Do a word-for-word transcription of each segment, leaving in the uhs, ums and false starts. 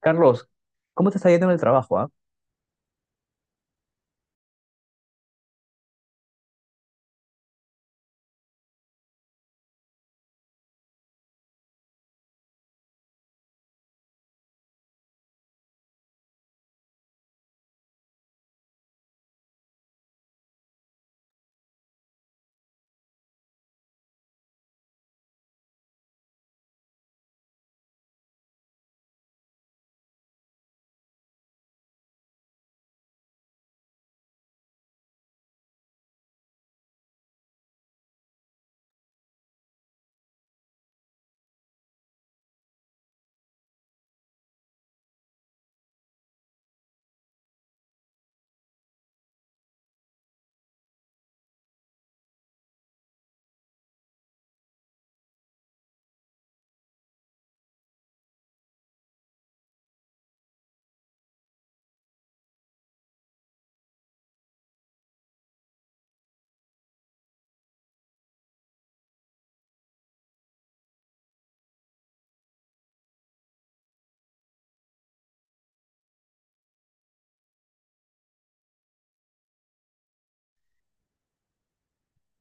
Carlos, ¿cómo te está yendo en el trabajo, ah?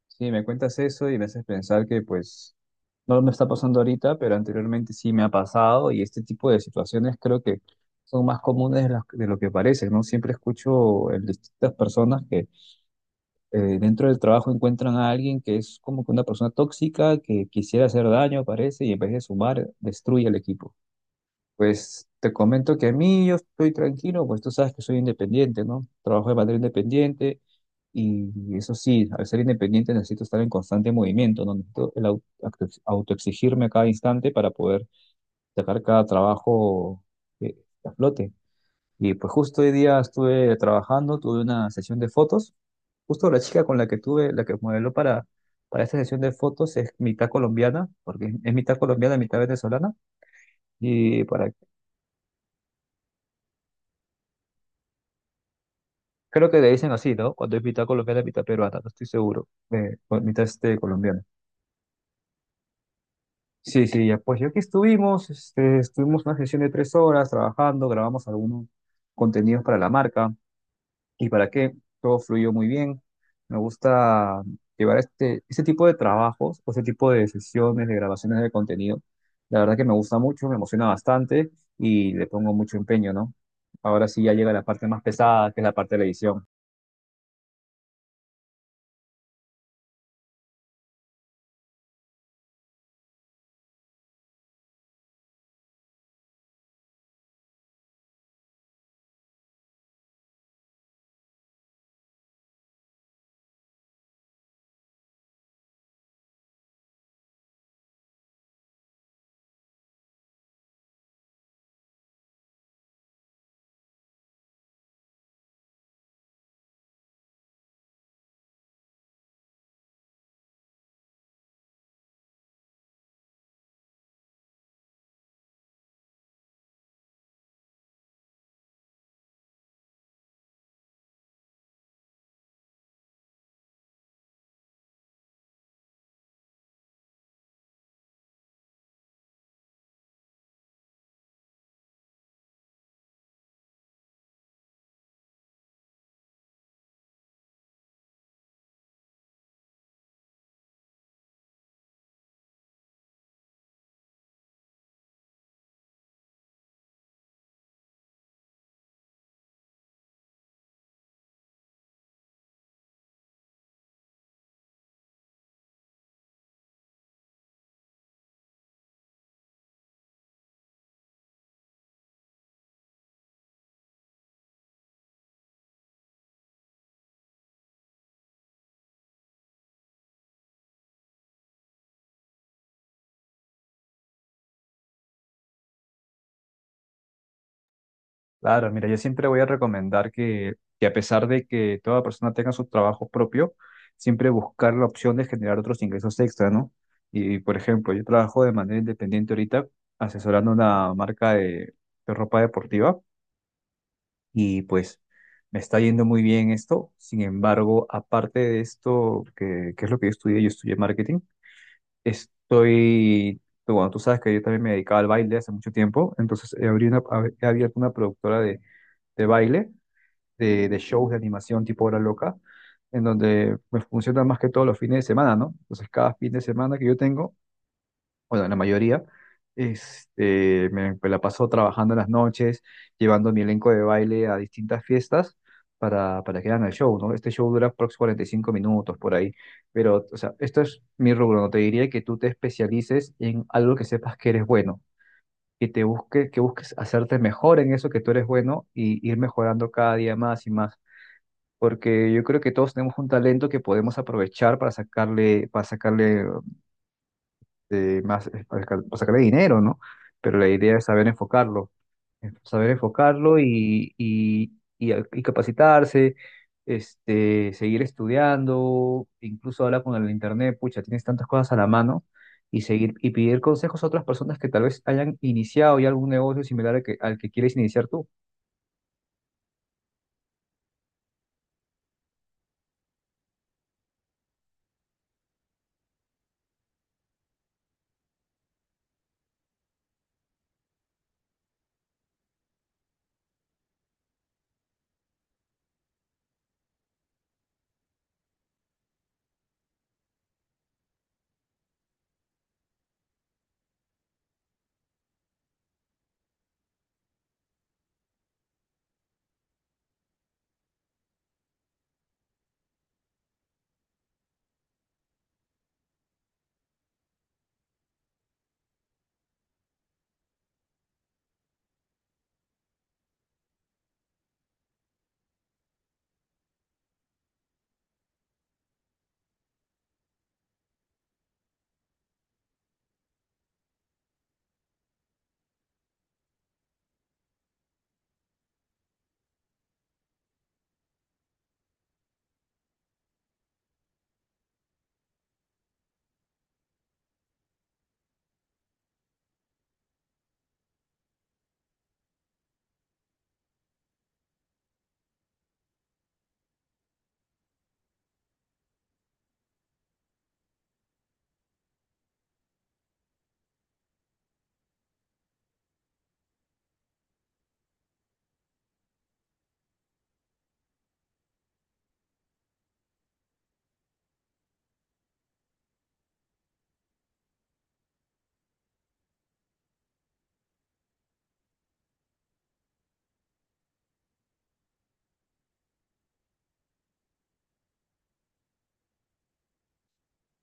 Sí, me cuentas eso y me haces pensar que pues no me está pasando ahorita, pero anteriormente sí me ha pasado y este tipo de situaciones creo que son más comunes de, las- de lo que parece, ¿no? Siempre escucho en distintas personas que eh, dentro del trabajo encuentran a alguien que es como que una persona tóxica, que quisiera hacer daño, parece, y en vez de sumar, destruye el equipo. Pues te comento que a mí yo estoy tranquilo, pues tú sabes que soy independiente, ¿no? Trabajo de manera independiente y eso sí, al ser independiente necesito estar en constante movimiento, ¿no? Necesito el au- auto- autoexigirme a cada instante para poder sacar cada trabajo eh, a flote. Y pues justo hoy día estuve trabajando, tuve una sesión de fotos. Justo la chica con la que tuve, la que modeló para, para esta sesión de fotos es mitad colombiana, porque es mitad colombiana, mitad venezolana. Y para creo que le dicen así, ¿no? Cuando es mitad colombiana, mitad peruana, no estoy seguro. Eh, o mitad este, colombiana. Sí, sí, ya pues ya aquí estuvimos, este, estuvimos una sesión de tres horas trabajando, grabamos algunos contenidos para la marca y para qué, todo fluyó muy bien. Me gusta llevar este, este tipo de trabajos o este tipo de sesiones de grabaciones de contenido. La verdad que me gusta mucho, me emociona bastante y le pongo mucho empeño, ¿no? Ahora sí ya llega la parte más pesada, que es la parte de la edición. Claro, mira, yo siempre voy a recomendar que, que a pesar de que toda persona tenga su trabajo propio, siempre buscar la opción de generar otros ingresos extra, ¿no? Y, por ejemplo, yo trabajo de manera independiente ahorita asesorando una marca de, de ropa deportiva y pues me está yendo muy bien esto. Sin embargo, aparte de esto, que, que es lo que yo estudié, yo estudié marketing, estoy, bueno, tú sabes que yo también me dedicaba al baile hace mucho tiempo, entonces he abrí una- he abierto una productora de de baile de, de shows de animación tipo Hora Loca, en donde me funciona más que todo los fines de semana, ¿no? Entonces, cada fin de semana que yo tengo, bueno, la mayoría, este, me, me la paso trabajando en las noches, llevando mi elenco de baile a distintas fiestas para, para que hagan el show, ¿no? Este show dura aproximadamente cuarenta y cinco minutos por ahí, pero, o sea, esto es mi rubro, no te diría que tú te especialices en algo que sepas que eres bueno. Que te busques, que busques hacerte mejor en eso que tú eres bueno y ir mejorando cada día más y más porque yo creo que todos tenemos un talento que podemos aprovechar para sacarle, para sacarle eh, más, eh, para sacar- para sacarle dinero, ¿no? Pero la idea es saber enfocarlo, eh, saber enfocarlo y, y, y, a- y capacitarse, este, seguir estudiando, incluso hablar con el internet, pucha, tienes tantas cosas a la mano. Y seguir y pedir consejos a otras personas que tal vez hayan iniciado ya algún negocio similar al que, al que quieres iniciar tú.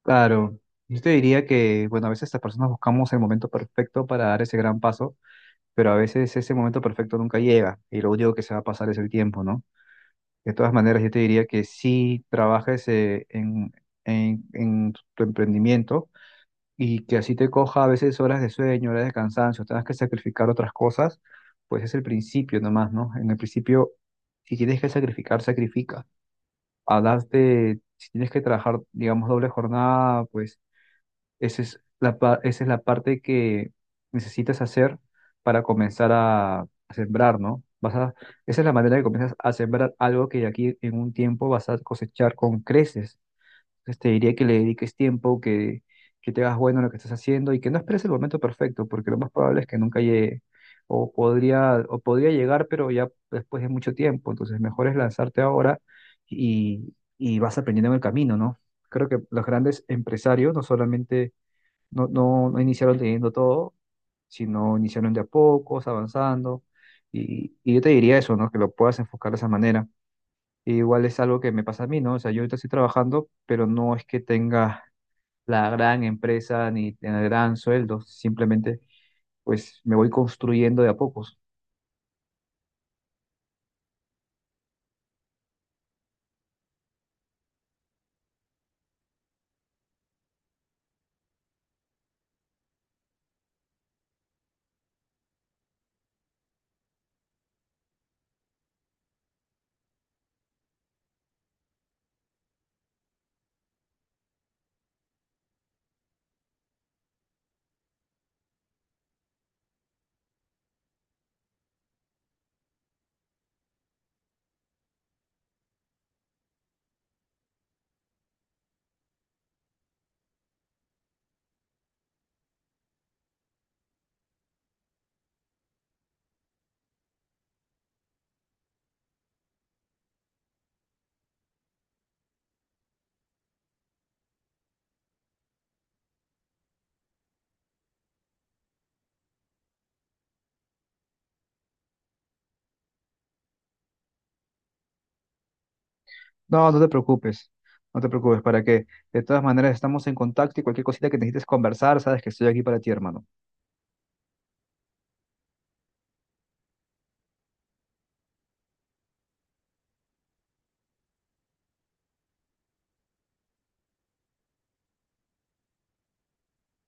Claro, yo te diría que, bueno, a veces las personas buscamos el momento perfecto para dar ese gran paso, pero a veces ese momento perfecto nunca llega y lo único que se va a pasar es el tiempo, ¿no? De todas maneras, yo te diría que sí trabajes eh, en, en, en tu emprendimiento y que así te coja a veces horas de sueño, horas de cansancio, tengas que sacrificar otras cosas, pues es el principio nomás, ¿no? En el principio, si tienes que sacrificar, sacrifica. Hablaste, si tienes que trabajar, digamos, doble jornada, pues esa es la, pa- esa es la parte que necesitas hacer para comenzar a, a sembrar, ¿no? Vas a, esa es la manera que comienzas a sembrar algo que de aquí en un tiempo vas a cosechar con creces. Entonces te diría que le dediques tiempo, que, que te hagas bueno en lo que estás haciendo y que no esperes el momento perfecto, porque lo más probable es que nunca llegue. O podría, o podría llegar, pero ya después de mucho tiempo. Entonces, mejor es lanzarte ahora y, y vas aprendiendo en el camino, ¿no? Creo que los grandes empresarios no solamente no, no, no iniciaron leyendo todo, sino iniciaron de a pocos, avanzando. Y, y yo te diría eso, ¿no? Que lo puedas enfocar de esa manera. E igual es algo que me pasa a mí, ¿no? O sea, yo ahorita estoy trabajando, pero no es que tenga la gran empresa ni el gran sueldo. Simplemente, pues, me voy construyendo de a pocos. No, no te preocupes. No te preocupes, para que de todas maneras estamos en contacto y cualquier cosita que necesites conversar, sabes que estoy aquí para ti, hermano.